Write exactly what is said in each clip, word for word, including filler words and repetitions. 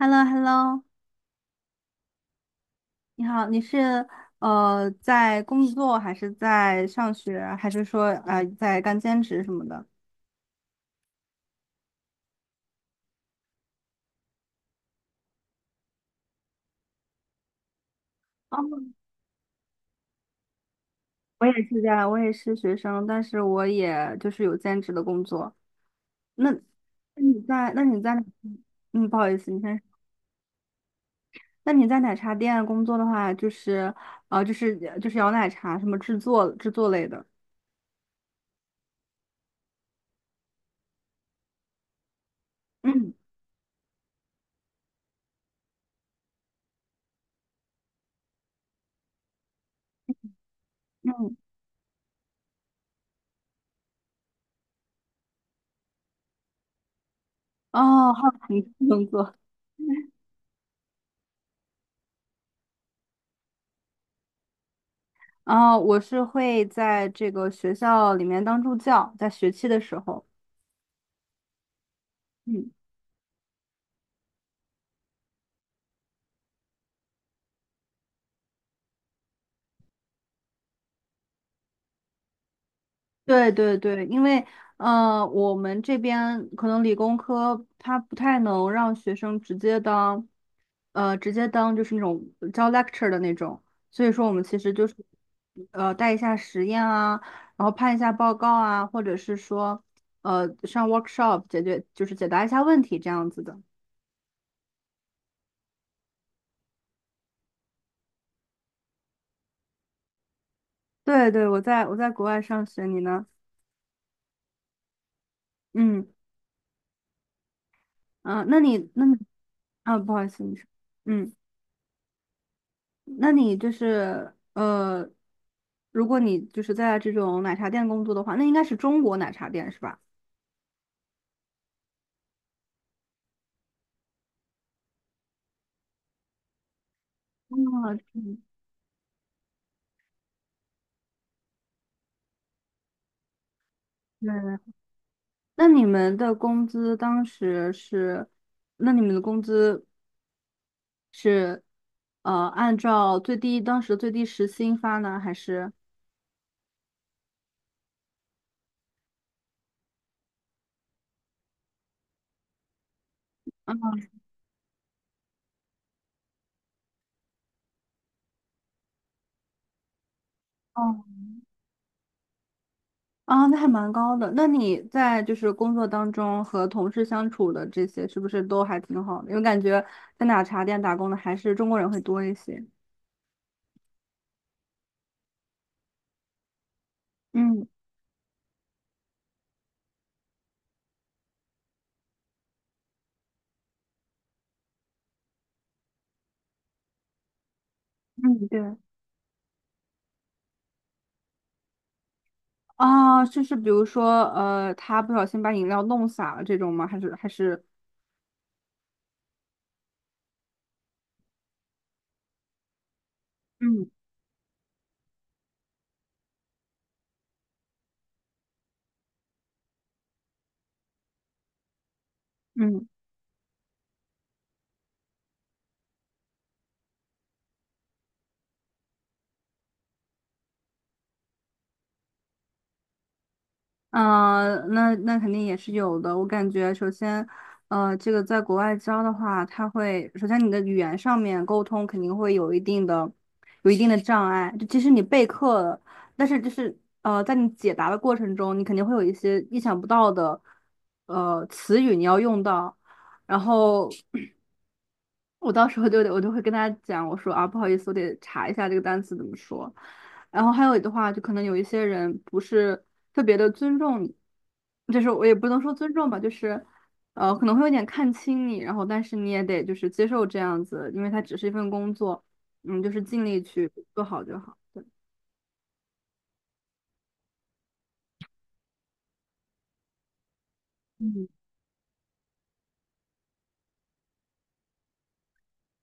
h e l l o h e l l o 你好，你是呃在工作还是在上学，还是说呃在干兼职什么的？哦，我也是这样，我也是学生，但是我也就是有兼职的工作。那那你在那你在哪？嗯，不好意思，你先。那你在奶茶店工作的话，就是呃就是呃就是摇奶茶什么制作制作类的。嗯嗯。哦，好奇工作。然后我是会在这个学校里面当助教，在学期的时候。嗯，对对对。因为呃，我们这边可能理工科它不太能让学生直接当，呃，直接当就是那种教 lecture 的那种，所以说我们其实就是呃带一下实验啊，然后判一下报告啊，或者是说呃上 workshop 解决就是解答一下问题这样子的。对对，我在我在国外上学，你呢？嗯。嗯，那你那你啊，不好意思，你说。嗯，那你就是呃，如果你就是在这种奶茶店工作的话，那应该是中国奶茶店是吧？啊，嗯，对。那你们的工资当时是，那你们的工资是呃按照最低当时的最低时薪发呢，还是？嗯，哦。啊，那还蛮高的。那你在就是工作当中和同事相处的这些，是不是都还挺好的？因为感觉在奶茶店打工的还是中国人会多一些。嗯。嗯，对。啊，就是比如说，呃，他不小心把饮料弄洒了这种吗？还是还是嗯嗯。嗯呃，那那肯定也是有的。我感觉，首先，呃，这个在国外教的话，它会首先你的语言上面沟通肯定会有一定的、有一定的障碍。就即使你备课了，但是就是呃，在你解答的过程中，你肯定会有一些意想不到的呃词语你要用到，然后。我到时候就得，我就会跟他讲，我说啊，不好意思，我得查一下这个单词怎么说。然后还有的话，就可能有一些人不是特别的尊重你，就是我也不能说尊重吧，就是呃可能会有点看轻你，然后但是你也得就是接受这样子，因为它只是一份工作。嗯，就是尽力去做好就好。嗯。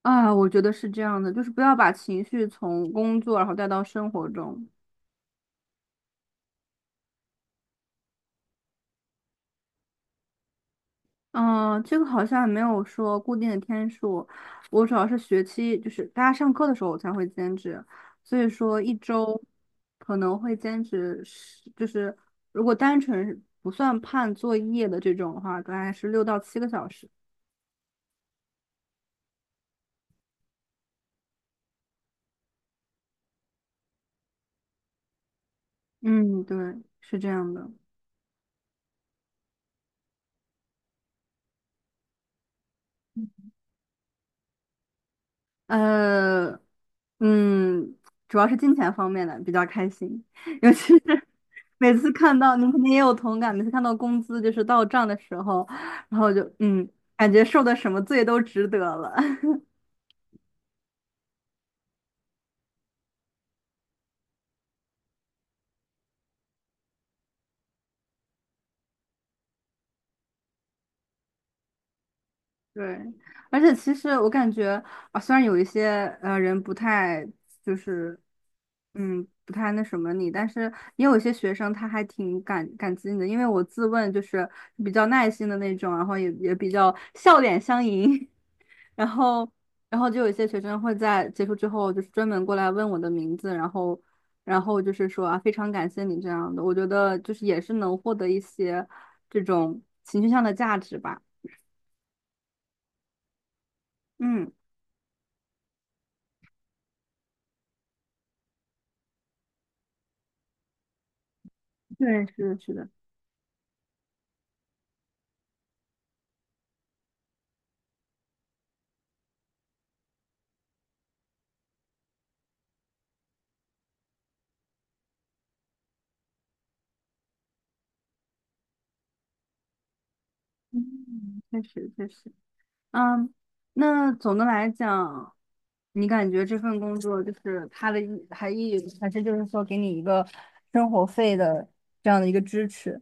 啊，我觉得是这样的，就是不要把情绪从工作然后带到生活中。嗯，这个好像没有说固定的天数，我主要是学期，就是大家上课的时候我才会兼职，所以说一周可能会兼职是，就是如果单纯是不算判作业的这种的话，大概是六到七个小时。嗯，对，是这样的。呃，嗯，主要是金钱方面的比较开心，尤其是 每次看到，你肯定也有同感，每次看到工资就是到账的时候，然后就嗯，感觉受的什么罪都值得了。对，而且其实我感觉啊，虽然有一些呃人不太就是嗯不太那什么你，但是也有一些学生他还挺感感激你的，因为我自问就是比较耐心的那种，然后也也比较笑脸相迎。然后，然后就有一些学生会在结束之后，就是专门过来问我的名字，然后，然后就是说啊，非常感谢你这样的，我觉得就是也是能获得一些这种情绪上的价值吧。嗯，对，是的，是的。嗯，确实确实。嗯，那总的来讲，你感觉这份工作就是它的意还意还是就是说给你一个生活费的这样的一个支持？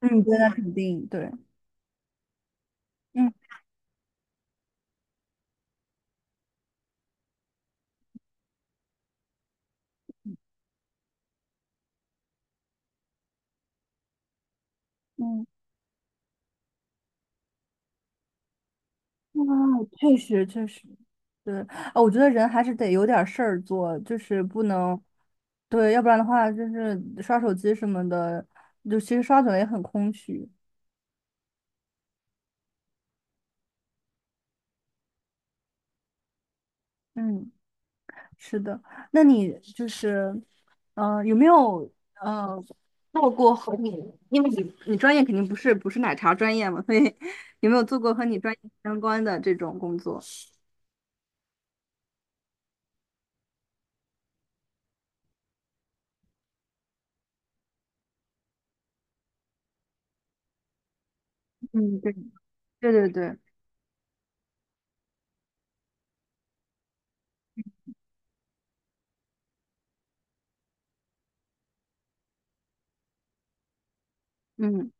嗯，对，那肯定对。嗯嗯。嗯，确实确实。对，啊，我觉得人还是得有点儿事儿做，就是不能。对，要不然的话就是刷手机什么的，就其实刷久了也很空虚。嗯，是的。那你就是，呃，有没有呃做过和你，因为你你专业肯定不是不是奶茶专业嘛，所以有没有做过和你专业相关的这种工作？嗯，对，对对对。嗯。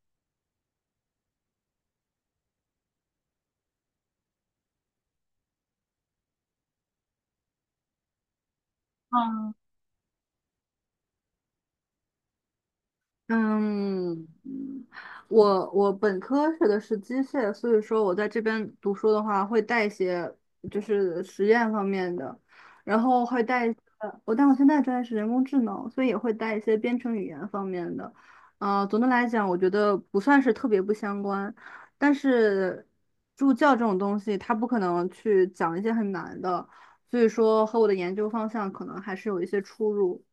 嗯，嗯，我我本科学的是机械，所以说我在这边读书的话，会带一些就是实验方面的，然后会带一些。我但我现在专业是人工智能，所以也会带一些编程语言方面的。呃，总的来讲，我觉得不算是特别不相关，但是助教这种东西，它不可能去讲一些很难的，所以说和我的研究方向可能还是有一些出入。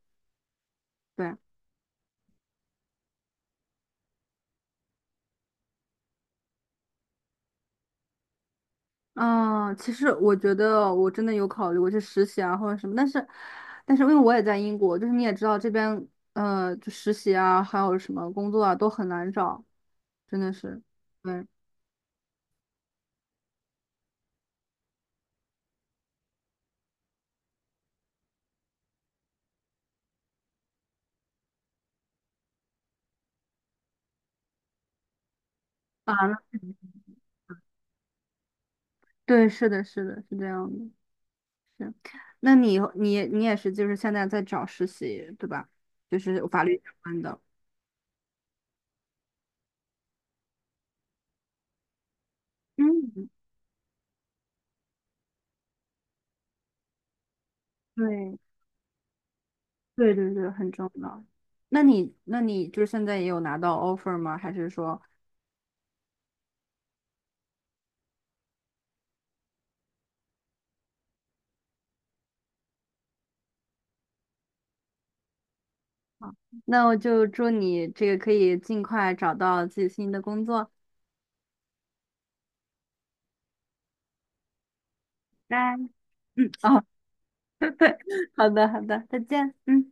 对。嗯，其实我觉得我真的有考虑过去实习啊，或者什么，但是，但是因为我也在英国，就是你也知道这边，呃，就实习啊，还有什么工作啊，都很难找，真的是。对啊，那对，是的，是的，是这样的，是。那你你你也是，就是现在在找实习，对吧？就是法律相关的。嗯，对，对对对，很重要。那你那你就是现在也有拿到 offer 吗？还是说？好，那我就祝你这个可以尽快找到自己心仪的工作。拜。嗯，哦，好的，好的，再见。嗯。